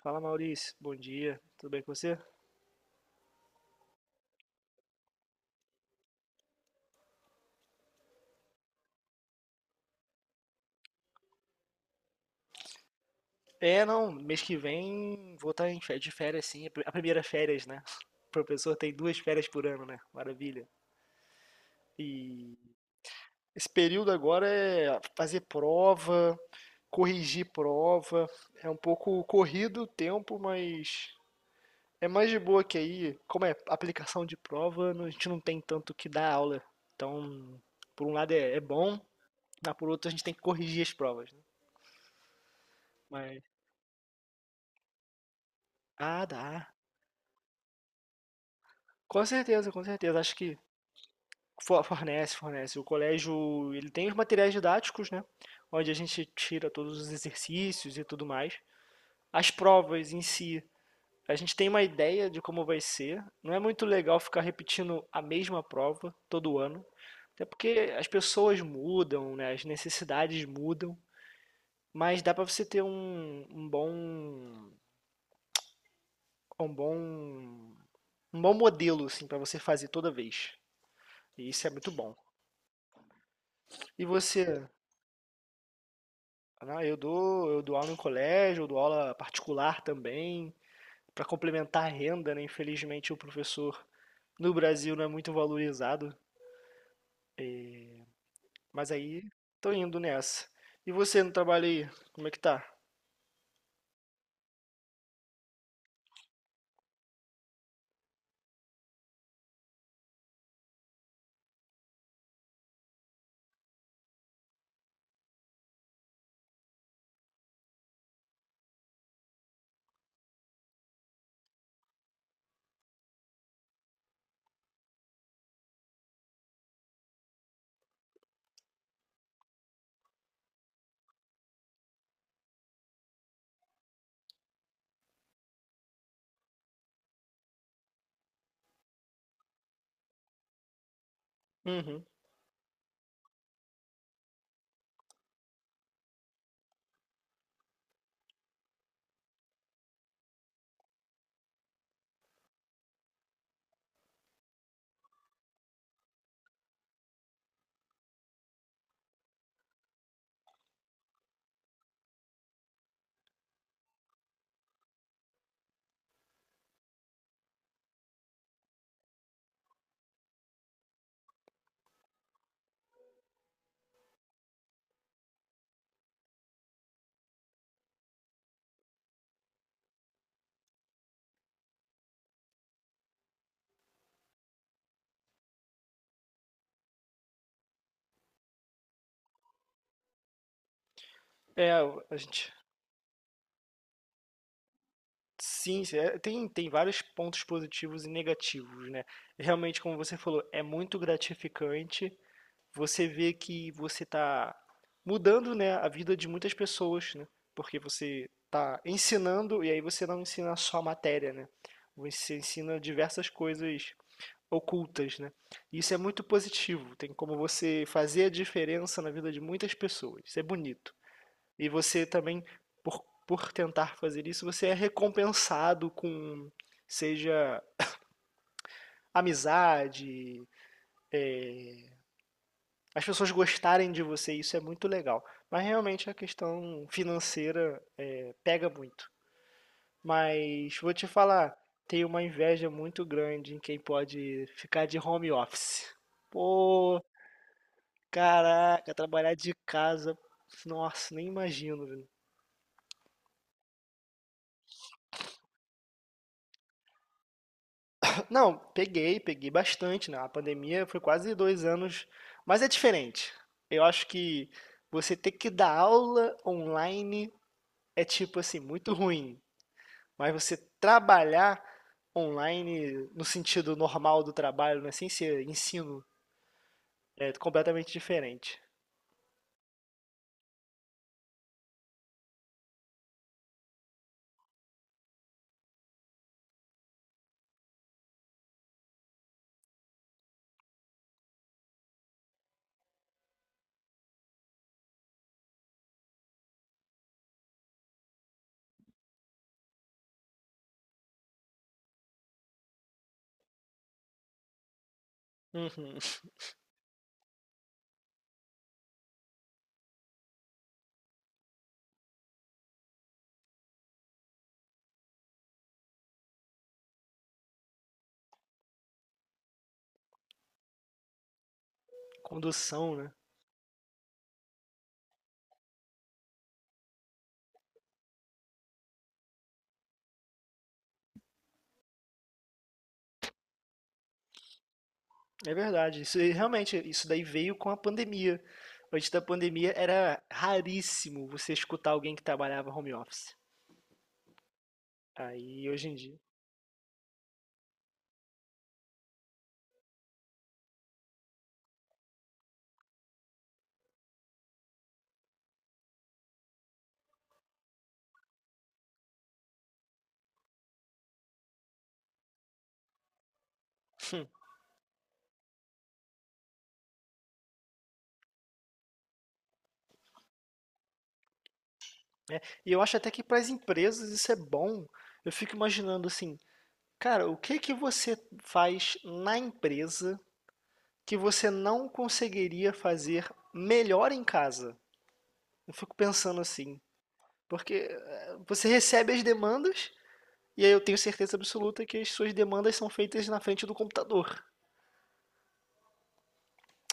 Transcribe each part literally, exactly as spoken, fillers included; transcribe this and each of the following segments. Fala Maurício, bom dia, tudo bem com você? É, não, mês que vem vou estar em fé- de férias sim, a pri- a primeira férias, né? O professor tem duas férias por ano, né? Maravilha. E esse período agora é fazer prova, corrigir prova, é um pouco corrido o tempo, mas é mais de boa que aí, como é aplicação de prova, não- a gente não tem tanto que dar aula. Então, por um lado é, é bom, mas por outro a gente tem que corrigir as provas, né? Mas, ah, dá. Com certeza, com certeza. Acho que fo- fornece, fornece. O colégio, ele tem os materiais didáticos, né? Onde a gente tira todos os exercícios e tudo mais. As provas em si, a gente tem uma ideia de como vai ser. Não é muito legal ficar repetindo a mesma prova todo ano, até porque as pessoas mudam, né? As necessidades mudam, mas dá para você ter um, um bom, um bom, um bom modelo assim para você fazer toda vez. E isso é muito bom. E você? Não, eu dou, eu dou aula em colégio, eu dou aula particular também, para complementar a renda, né? Infelizmente o professor no Brasil não é muito valorizado, mas aí tô indo nessa. E você no trabalho aí, como é que tá? Uhum. É, a gente. Sim, sim, é, tem, tem vários pontos positivos e negativos, né? Realmente, como você falou, é muito gratificante, você vê que você está mudando, né, a vida de muitas pessoas, né? Porque você está ensinando e aí você não ensina só a matéria, né? Você ensina diversas coisas ocultas, né? Isso é muito positivo. Tem como você fazer a diferença na vida de muitas pessoas. Isso é bonito. E você também, por, por tentar fazer isso, você é recompensado com, seja amizade, as pessoas gostarem de você, isso é muito legal. Mas realmente a questão financeira é, pega muito. Mas vou te falar, tem uma inveja muito grande em quem pode ficar de home office. Pô, caraca, trabalhar de casa. Nossa, nem imagino. velho. Não, peguei, peguei bastante, né? A pandemia foi quase dois anos, mas é diferente. Eu acho que você ter que dar aula online é tipo assim, muito ruim. Mas você trabalhar online no sentido normal do trabalho, né? Sem ser ensino, é completamente diferente. Uhum. Condução, né? É verdade. Isso aí, realmente, isso daí veio com a pandemia. Antes da pandemia era raríssimo você escutar alguém que trabalhava home office. Aí hoje em dia. Hum, né? E eu acho até que para as empresas isso é bom. Eu fico imaginando assim, cara, o que que você faz na empresa que você não conseguiria fazer melhor em casa. Eu fico pensando assim, porque eh, você recebe as demandas e aí eu tenho certeza absoluta que as suas demandas são feitas na frente do computador.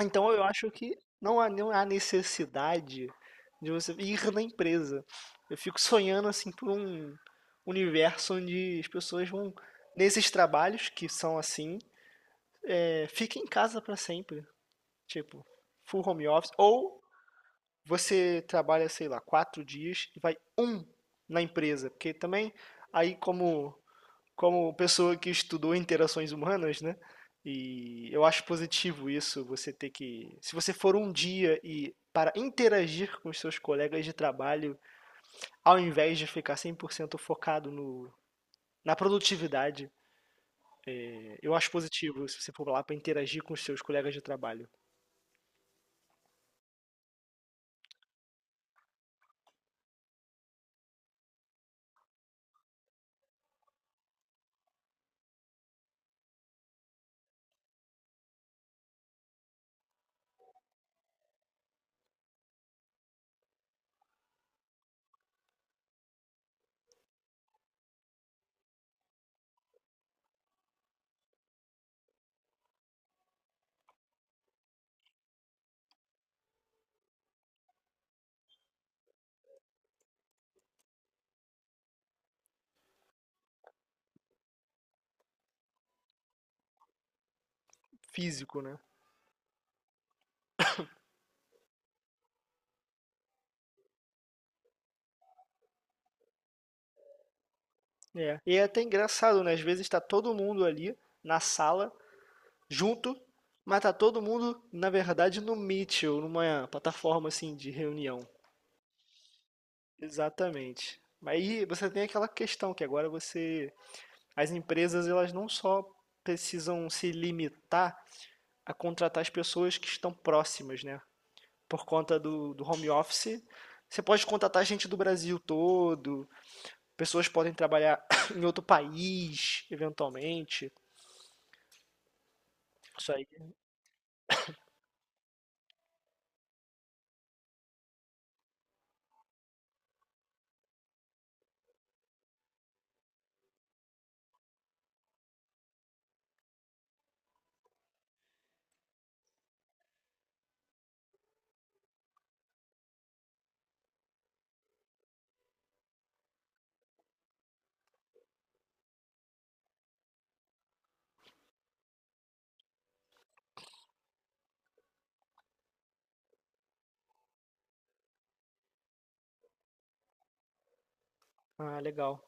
Então eu acho que não há, não há necessidade de você ir na empresa. Eu fico sonhando assim por um universo onde as pessoas vão nesses trabalhos que são assim, eh, fica em casa para sempre, tipo, full home office ou Você trabalha, sei lá, quatro dias e vai um na empresa, porque também aí como como pessoa que estudou interações humanas, né? E eu acho positivo isso, você ter que, se você for um dia e para interagir com os seus colegas de trabalho, ao invés de ficar cem por cento focado no na produtividade, eu acho positivo se você for lá para interagir com os seus colegas de trabalho físico, né? É. E é até engraçado, né? Às vezes está todo mundo ali na sala junto, matar todo mundo, na verdade, no Mitchell, numa plataforma assim de reunião. Exatamente. Mas Aí você tem aquela questão que agora você, as empresas elas não só precisam se limitar a contratar as pessoas que estão próximas, né? Por conta do, do home office, você pode contratar gente do Brasil todo, pessoas podem trabalhar em outro país, eventualmente. Isso aí. Ah, legal.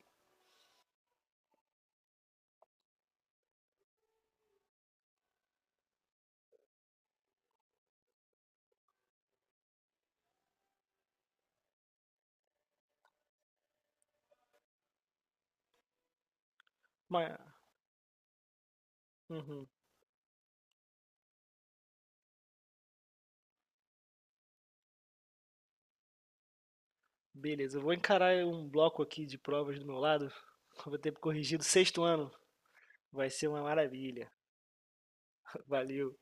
Mas, uhum. Beleza, eu vou encarar um bloco aqui de provas do meu lado. Vou ter corrigido o sexto ano. Vai ser uma maravilha. Valeu,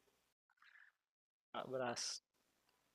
abraço.